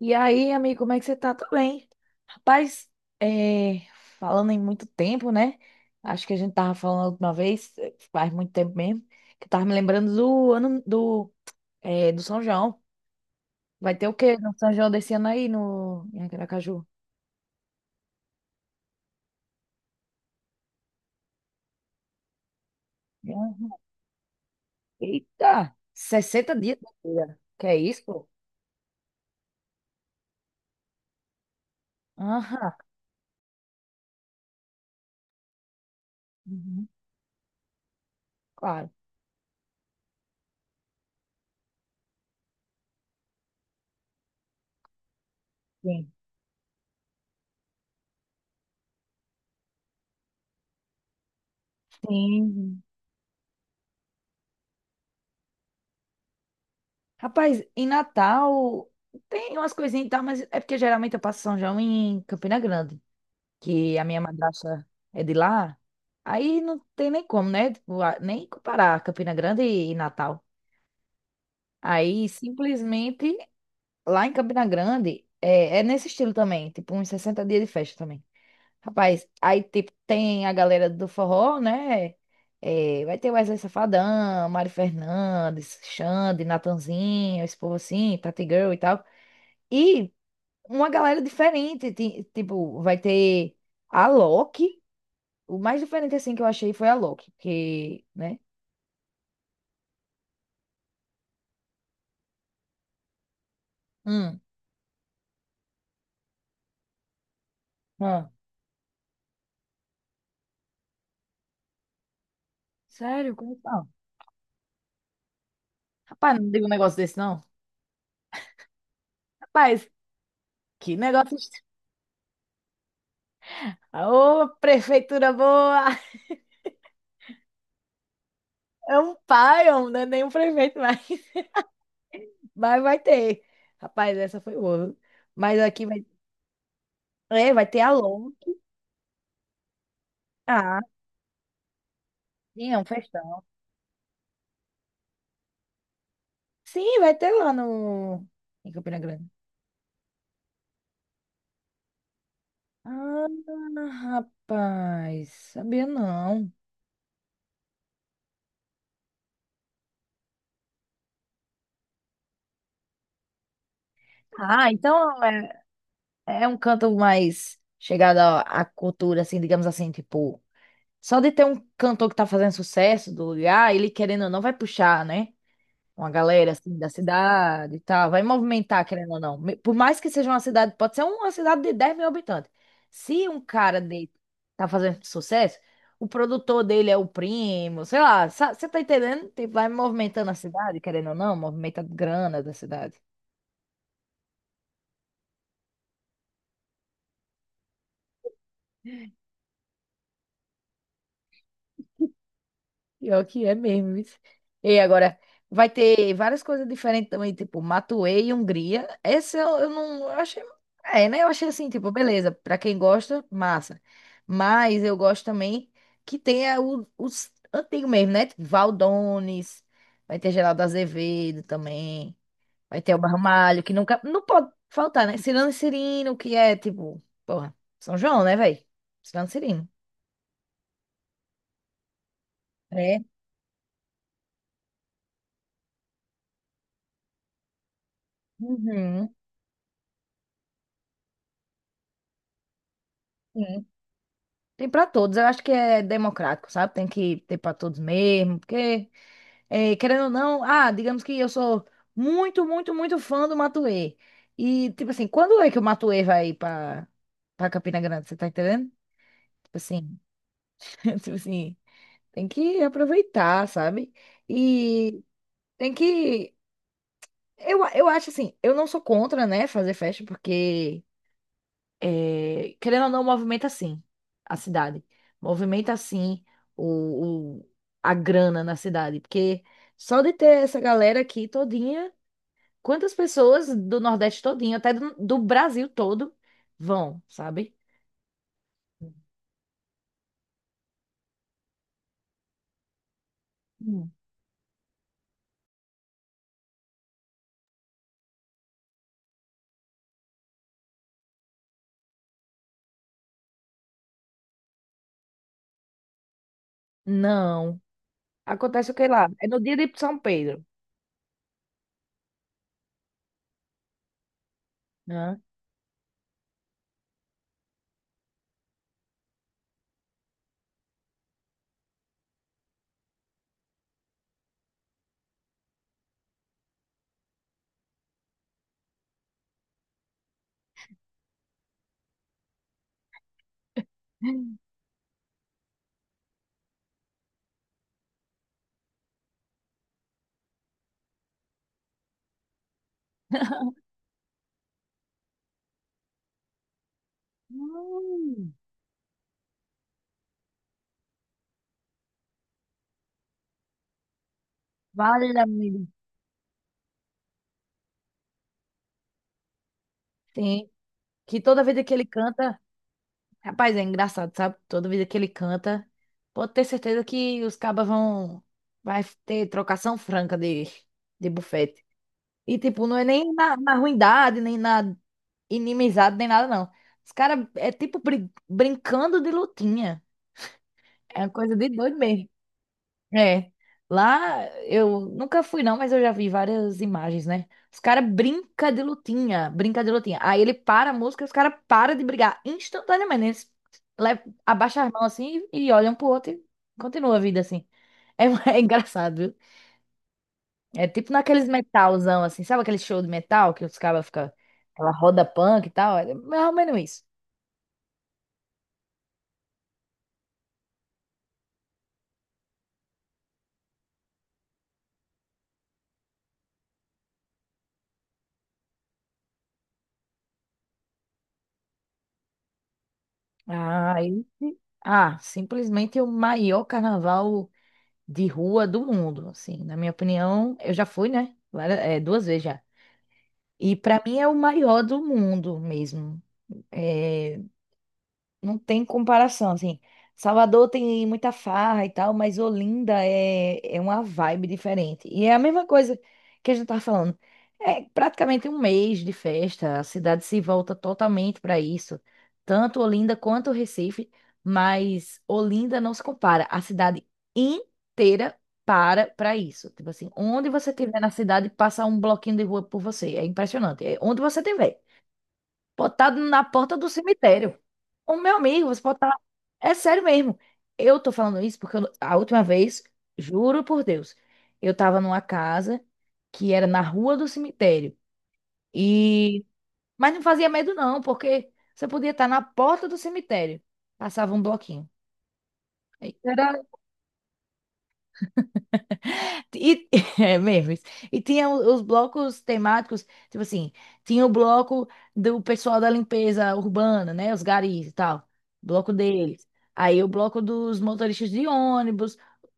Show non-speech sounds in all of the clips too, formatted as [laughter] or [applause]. E aí, amigo, como é que você tá? Tudo bem? Rapaz, é, falando em muito tempo, né? Acho que a gente tava falando a última vez, faz muito tempo mesmo, que eu tava me lembrando do ano do São João. Vai ter o quê no São João desse ano aí no, em Aracaju? Hum. Eita! 60 dias, minha filha. Que é isso, pô? Aham. Uhum. Claro. Sim. Sim. Rapaz, em Natal tem umas coisinhas e tal, mas é porque geralmente eu passo São João em Campina Grande, que a minha madrasta é de lá, aí não tem nem como, né? Tipo, nem comparar Campina Grande e Natal. Aí simplesmente lá em Campina Grande é nesse estilo também, tipo uns 60 dias de festa também. Rapaz, aí tipo tem a galera do forró, né? É, vai ter Wesley Safadão, Mari Fernandes, Xande, Natanzinho, esse povo assim, Tati Girl e tal. E uma galera diferente, tipo, vai ter a Loki. O mais diferente, assim, que eu achei foi a Loki, porque, né? Hum. Ah, sério? Como não? Rapaz, não digo um negócio desse, não. Rapaz, que negócio. Ô, prefeitura boa! [laughs] É um pai, não é nenhum prefeito, mais [laughs] mas vai ter. Rapaz, essa foi boa. Viu? Mas aqui vai ter a Loki. Ah, sim, é um festão. Sim, vai ter lá no... em Campina Grande. Ah, rapaz, sabia não. Ah, então é. É um canto mais chegado à cultura, assim, digamos assim, tipo, só de ter um cantor que tá fazendo sucesso do lugar, ele querendo ou não vai puxar, né? Uma galera assim da cidade e tal, vai movimentar, querendo ou não. Por mais que seja uma cidade, pode ser uma cidade de 10 mil habitantes. Se um cara de tá fazendo sucesso, o produtor dele é o primo, sei lá, você tá entendendo? Tipo, vai movimentando a cidade, querendo ou não, movimenta grana da cidade. Pior que é mesmo isso. E agora, vai ter várias coisas diferentes também, tipo Matuê e Hungria. Essa eu não eu achei. É, né? Eu achei assim, tipo, beleza, pra quem gosta, massa. Mas eu gosto também que tenha os antigos mesmo, né? Tipo, Valdones, vai ter Geraldo Azevedo também, vai ter o Barmalho, que nunca. Não pode faltar, né? Cirano e Cirino, que é tipo, porra, São João, né, velho? Cirano e Cirino. É. Uhum. Sim. Tem para todos, eu acho que é democrático, sabe? Tem que ter para todos mesmo, porque, querendo ou não, ah, digamos que eu sou muito, muito, muito fã do Matuê. E, tipo assim, quando é que o Matuê vai para Campina Grande, você tá entendendo? Tipo assim, [laughs] tipo assim, tem que aproveitar, sabe? E tem que. Eu acho assim, eu não sou contra, né, fazer festa, porque querendo ou não, movimenta sim a cidade. Movimenta sim o, o- a grana na cidade. Porque só de ter essa galera aqui todinha, quantas pessoas do Nordeste todinho, até do Brasil todo, vão, sabe? Hum. Não. Acontece o que lá? É no dia de São Pedro, né? Hum. Vale, amigo. Sim. Que toda vez que ele canta. Rapaz, é engraçado, sabe? Toda vez que ele canta, pode ter certeza que os cabas vão. Vai ter trocação franca de bufete. E, tipo, não é nem na ruindade, nem na inimizade, nem nada, não. Os caras é tipo brincando de lutinha. É uma coisa de doido mesmo. É, lá eu nunca fui não, mas eu já vi várias imagens, né? Os caras brinca de lutinha, brinca de lutinha. Aí ele para a música, os caras param de brigar instantaneamente. Eles abaixam as mãos assim e olham pro outro e continua a vida assim. É, [laughs] é engraçado, viu? É tipo naqueles metalzão assim, sabe aquele show de metal que os caras ficam, aquela roda punk e tal? É mais ou menos isso. Ah, simplesmente o maior carnaval de rua do mundo, assim. Na minha opinião, eu já fui, né? 2 vezes já. E para mim é o maior do mundo mesmo. É, não tem comparação, assim. Salvador tem muita farra e tal, mas Olinda é uma vibe diferente. E é a mesma coisa que a gente tava falando. É praticamente um mês de festa, a cidade se volta totalmente para isso. Tanto Olinda quanto Recife, mas Olinda não se compara. A cidade inteira para para isso. Tipo assim, onde você estiver na cidade, passa um bloquinho de rua por você. É impressionante. É onde você estiver. Pode estar na porta do cemitério. O meu amigo, você pode estar. É sério mesmo. Eu tô falando isso porque a última vez, juro por Deus, eu tava numa casa que era na rua do cemitério. E... Mas não fazia medo, não, porque você podia estar na porta do cemitério. Passava um bloquinho. Aí Era E, [laughs] é mesmo isso. E tinha os blocos temáticos, tipo assim, tinha o bloco do pessoal da limpeza urbana, né? Os garis e tal. Bloco deles. Aí o bloco dos motoristas de ônibus.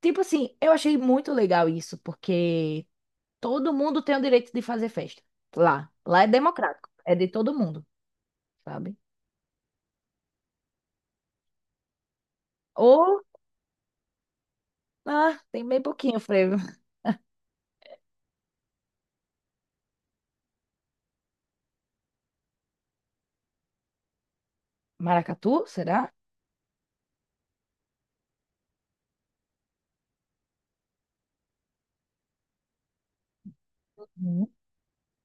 Tipo assim, eu achei muito legal isso, porque todo mundo tem o direito de fazer festa. Lá. Lá é democrático. É de todo mundo, sabe? Ou, ah, tem bem pouquinho frevo. Maracatu, será?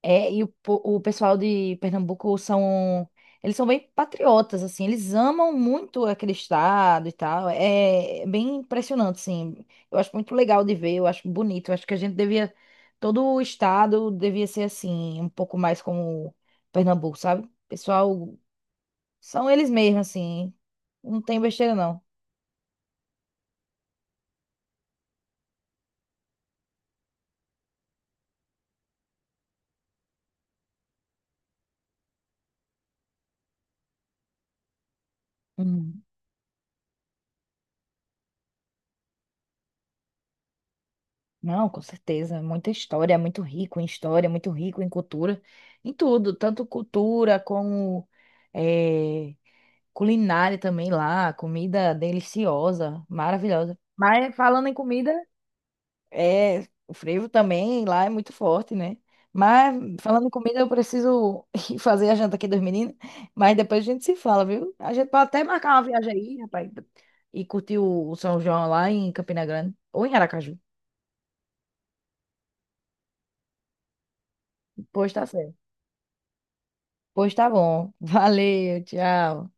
É, e o pessoal de Pernambuco são. Eles são bem patriotas, assim. Eles amam muito aquele estado e tal. É bem impressionante, assim. Eu acho muito legal de ver, eu acho bonito. Eu acho que a gente devia. Todo o estado devia ser assim, um pouco mais como Pernambuco, sabe? Pessoal, são eles mesmos, assim. Não tem besteira, não. Não, com certeza, é muita história, é muito rico em história, é muito rico em cultura, em tudo, tanto cultura como eh, culinária também lá, comida deliciosa, maravilhosa. Mas falando em comida, é, o frevo também lá é muito forte, né? Mas falando em comida, eu preciso [laughs] ir fazer a janta aqui dos meninos, mas depois a gente se fala, viu? A gente pode até marcar uma viagem aí, rapaz, e curtir o São João lá em Campina Grande ou em Aracaju. Pois tá certo. Pois tá bom. [laughs] Valeu, tchau.